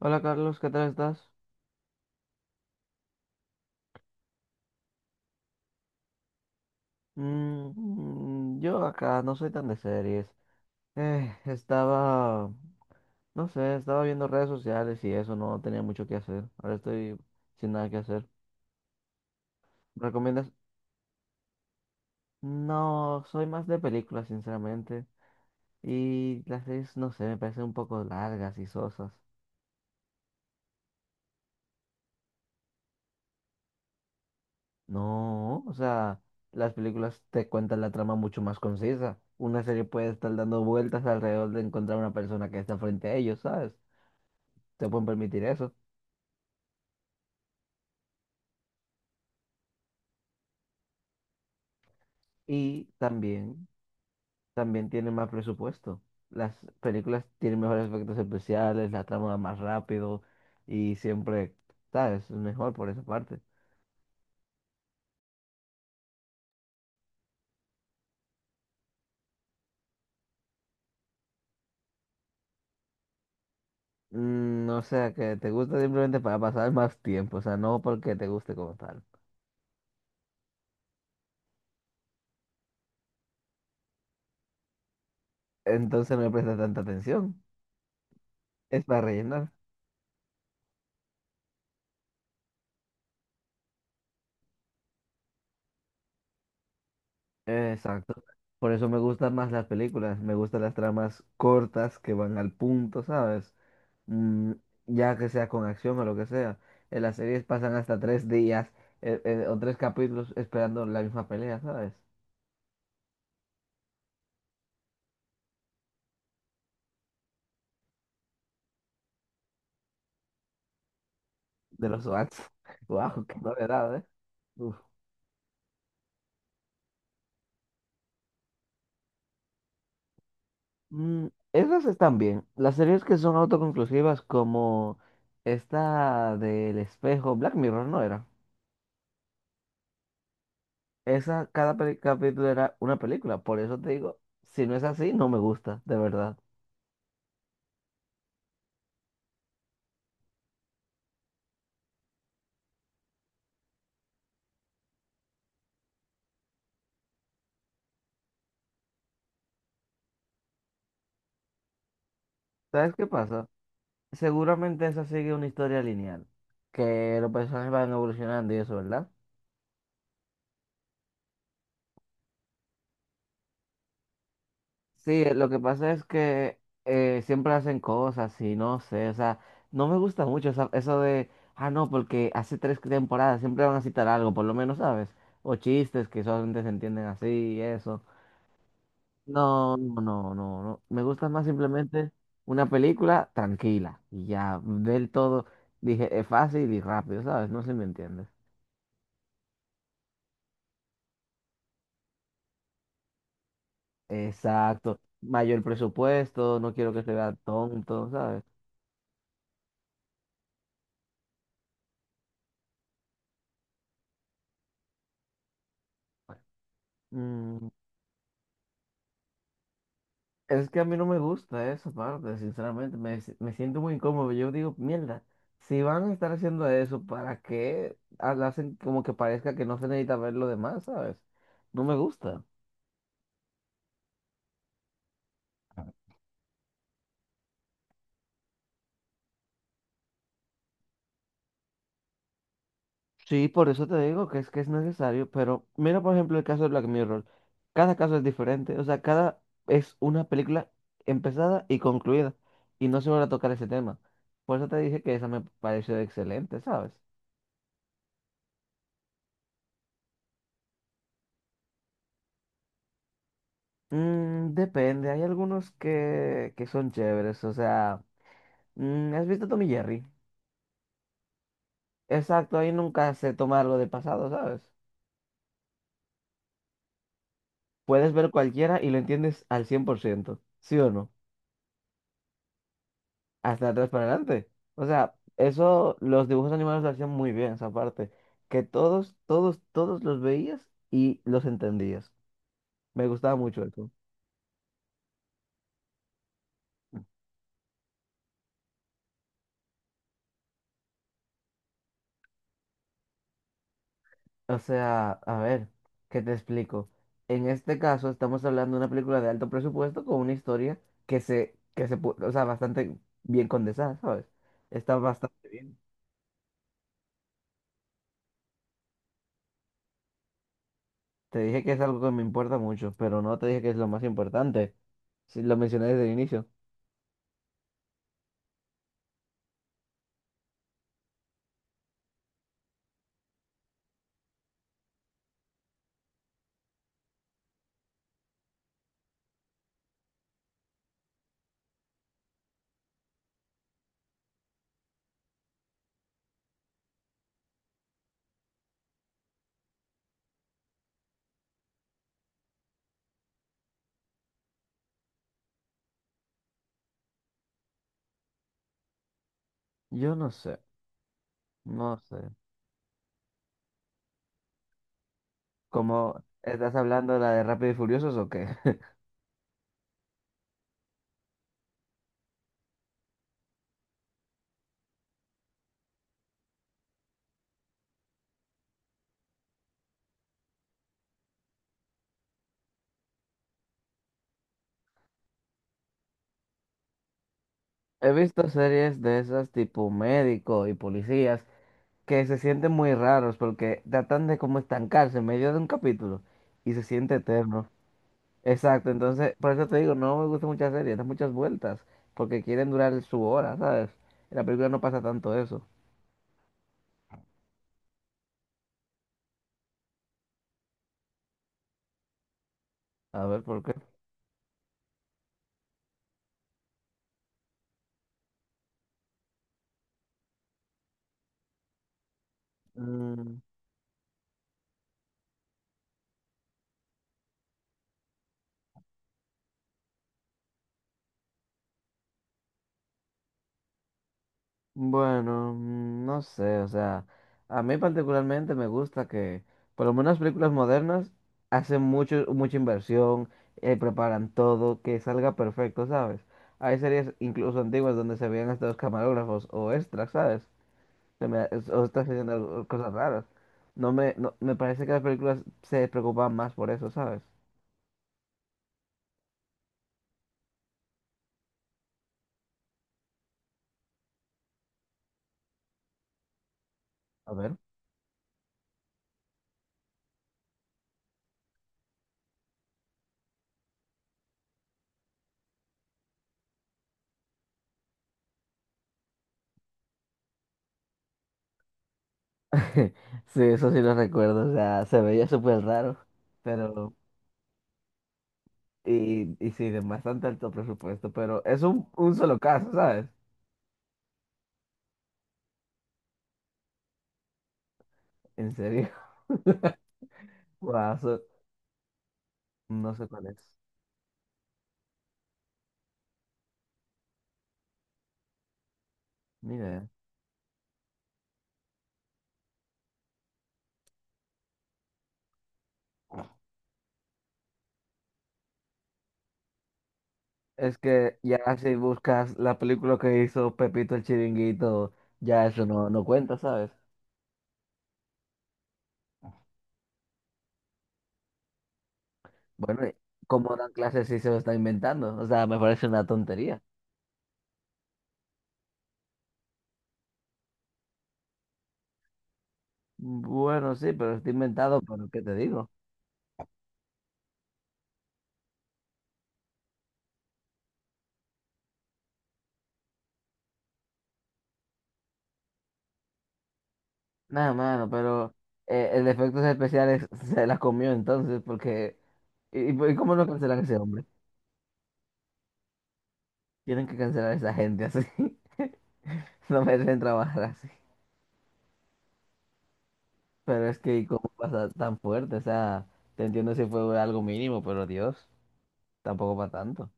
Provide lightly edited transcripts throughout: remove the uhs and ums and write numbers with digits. Hola Carlos, ¿qué tal estás? Mm, yo acá no soy tan de series. Eh, estaba, no sé, estaba viendo redes sociales y eso, no tenía mucho que hacer. Ahora estoy sin nada que hacer. ¿Recomiendas? No, soy más de películas, sinceramente. Y las series, no sé, me parecen un poco largas y sosas. No, o sea, las películas te cuentan la trama mucho más concisa. Una serie puede estar dando vueltas alrededor de encontrar una persona que está frente a ellos, ¿sabes? Te pueden permitir eso. Y también tienen más presupuesto. Las películas tienen mejores efectos especiales, la trama va más rápido y siempre, ¿sabes? Es mejor por esa parte. Mm, o sea, que te gusta simplemente para pasar más tiempo, o sea, no porque te guste como tal. Entonces no le prestas tanta atención. Es para rellenar. Exacto. Por eso me gustan más las películas, me gustan las tramas cortas que van al punto, ¿sabes? Mm, ya que sea con acción o lo que sea. En las series pasan hasta 3 días o tres capítulos esperando la misma pelea, ¿sabes? De los SWATs. ¡Wow! ¡Qué novedad, eh! Uf. Mm, esas están bien. Las series que son autoconclusivas como esta del espejo, Black Mirror, ¿no era? Esa, cada capítulo era una película. Por eso te digo, si no es así, no me gusta, de verdad. ¿Sabes qué pasa? Seguramente esa sigue una historia lineal, que los personajes van evolucionando y eso, ¿verdad? Sí, lo que pasa es que siempre hacen cosas y no sé, o sea, no me gusta mucho eso de, ah, no, porque hace tres temporadas siempre van a citar algo, por lo menos, ¿sabes? O chistes que solamente se entienden así y eso. No, no, no, no, no. Me gusta más simplemente una película tranquila y ya del todo, dije, es fácil y rápido, ¿sabes? No sé si me entiendes. Exacto. Mayor presupuesto, no quiero que se vea tonto, ¿sabes? Mm, es que a mí no me gusta esa parte, sinceramente. Me siento muy incómodo. Yo digo, mierda, si van a estar haciendo eso, ¿para qué? Ah, lo hacen como que parezca que no se necesita ver lo demás, ¿sabes? No me gusta. Sí, por eso te digo que es necesario, pero mira por ejemplo el caso de Black Mirror. Cada caso es diferente, o sea, cada es una película empezada y concluida, y no se vuelve a tocar ese tema. Por eso te dije que esa me pareció excelente, ¿sabes? Mm, depende, hay algunos que son chéveres, o sea, ¿has visto Tommy Jerry? Exacto, ahí nunca se toma algo del pasado, ¿sabes? Puedes ver cualquiera y lo entiendes al 100%, ¿sí o no? Hasta atrás para adelante. O sea, eso los dibujos animados lo hacían muy bien, esa parte. Que todos, todos, todos los veías y los entendías. Me gustaba mucho eso. O sea, a ver, ¿qué te explico? En este caso estamos hablando de una película de alto presupuesto con una historia que se, o sea, bastante bien condensada, ¿sabes? Está bastante bien. Te dije que es algo que me importa mucho, pero no te dije que es lo más importante. Si lo mencioné desde el inicio. Yo no sé, no sé. ¿Cómo estás hablando la de Rápido y Furiosos o qué? He visto series de esas tipo médico y policías que se sienten muy raros porque tratan de como estancarse en medio de un capítulo y se siente eterno. Exacto, entonces por eso te digo, no me gustan muchas series, dan muchas vueltas porque quieren durar su hora, ¿sabes? En la película no pasa tanto eso. A ver, ¿por qué? Mm. Bueno, no sé, o sea, a mí particularmente me gusta que, por lo menos las películas modernas, hacen mucha inversión, preparan todo, que salga perfecto, ¿sabes? Hay series incluso antiguas donde se veían hasta los camarógrafos o extras, ¿sabes? O estás haciendo cosas raras. No me, no, me parece que las películas se preocupan más por eso, ¿sabes? A ver. Sí, eso sí lo recuerdo, o sea, se veía súper raro, pero. Y sí, de bastante alto presupuesto, pero es un solo caso, ¿sabes? En serio. Guau, No sé cuál es. Mira, es que ya si buscas la película que hizo Pepito el Chiringuito, ya eso no cuenta, ¿sabes? Bueno, y ¿cómo dan clases si se lo está inventando? O sea, me parece una tontería. Bueno, sí, pero está inventado, pero ¿qué te digo? Nada, mano, pero el de efectos especiales se la comió entonces, porque. ¿Y cómo no cancelan a ese hombre? Tienen que cancelar a esa gente así. No merecen trabajar así. Pero es que, ¿cómo pasa tan fuerte? O sea, te entiendo si fue algo mínimo, pero Dios, tampoco para tanto.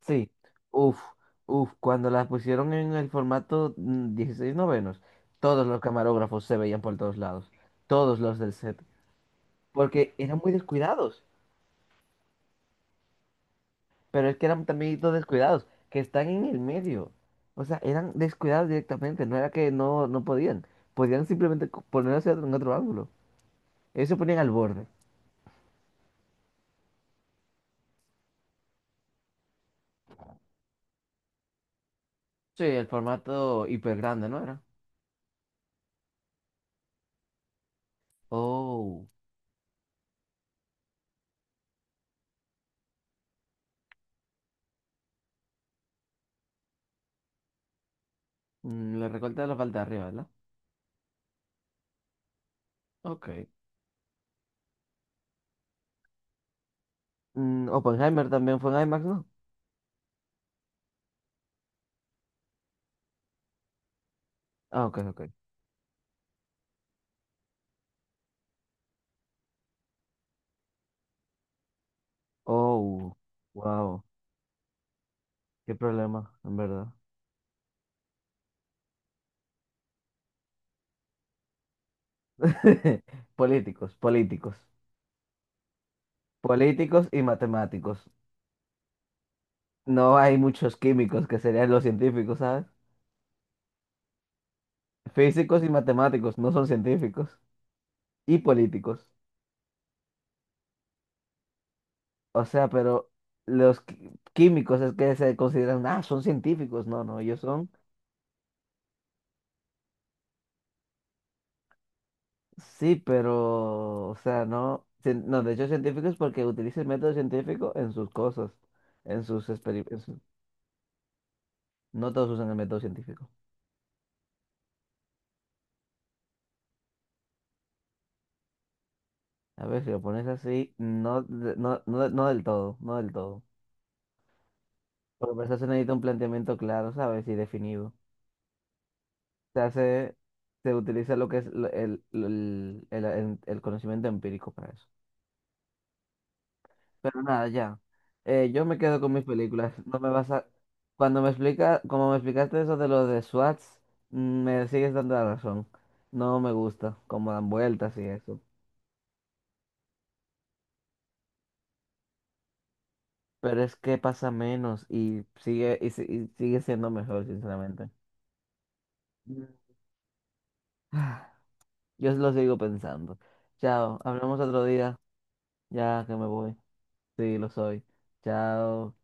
Sí, uff, cuando las pusieron en el formato 16 novenos, todos los camarógrafos se veían por todos lados. Todos los del set. Porque eran muy descuidados. Pero es que eran también todos descuidados, que están en el medio. O sea, eran descuidados directamente. No era que no podían. Podían simplemente ponerse en otro ángulo. Ellos se ponían al borde. Sí, el formato hiper grande, ¿no era? Oh, le recorta la parte de arriba, ¿verdad? Ok. Mm, Oppenheimer también fue en IMAX, ¿no? Ah, ok, ok. Oh, wow. Qué problema, en verdad. Políticos, políticos. Políticos y matemáticos. No hay muchos químicos que serían los científicos, ¿sabes? Físicos y matemáticos no son científicos. Y políticos. O sea, pero los químicos es que se consideran, ah, son científicos. No, no, ellos son, sí, pero, o sea, no, no, de hecho científicos porque utilizan el método científico en sus cosas, en sus experimentos. No todos usan el método científico. A ver, si lo pones así, no, no, no, no del todo, no del todo. Porque para eso se necesita un planteamiento claro, ¿sabes? Y definido. Se hace, se utiliza lo que es el conocimiento empírico para eso. Pero nada, ya. Yo me quedo con mis películas. No me vas a. Cuando como me explicaste eso de lo de SWATs. Me sigues dando la razón. No me gusta cómo dan vueltas y eso. Pero es que pasa menos y sigue, y, si- y sigue siendo mejor, sinceramente. Mm. Yo lo sigo pensando. Chao, hablamos otro día. Ya que me voy. Sí, lo soy. Chao.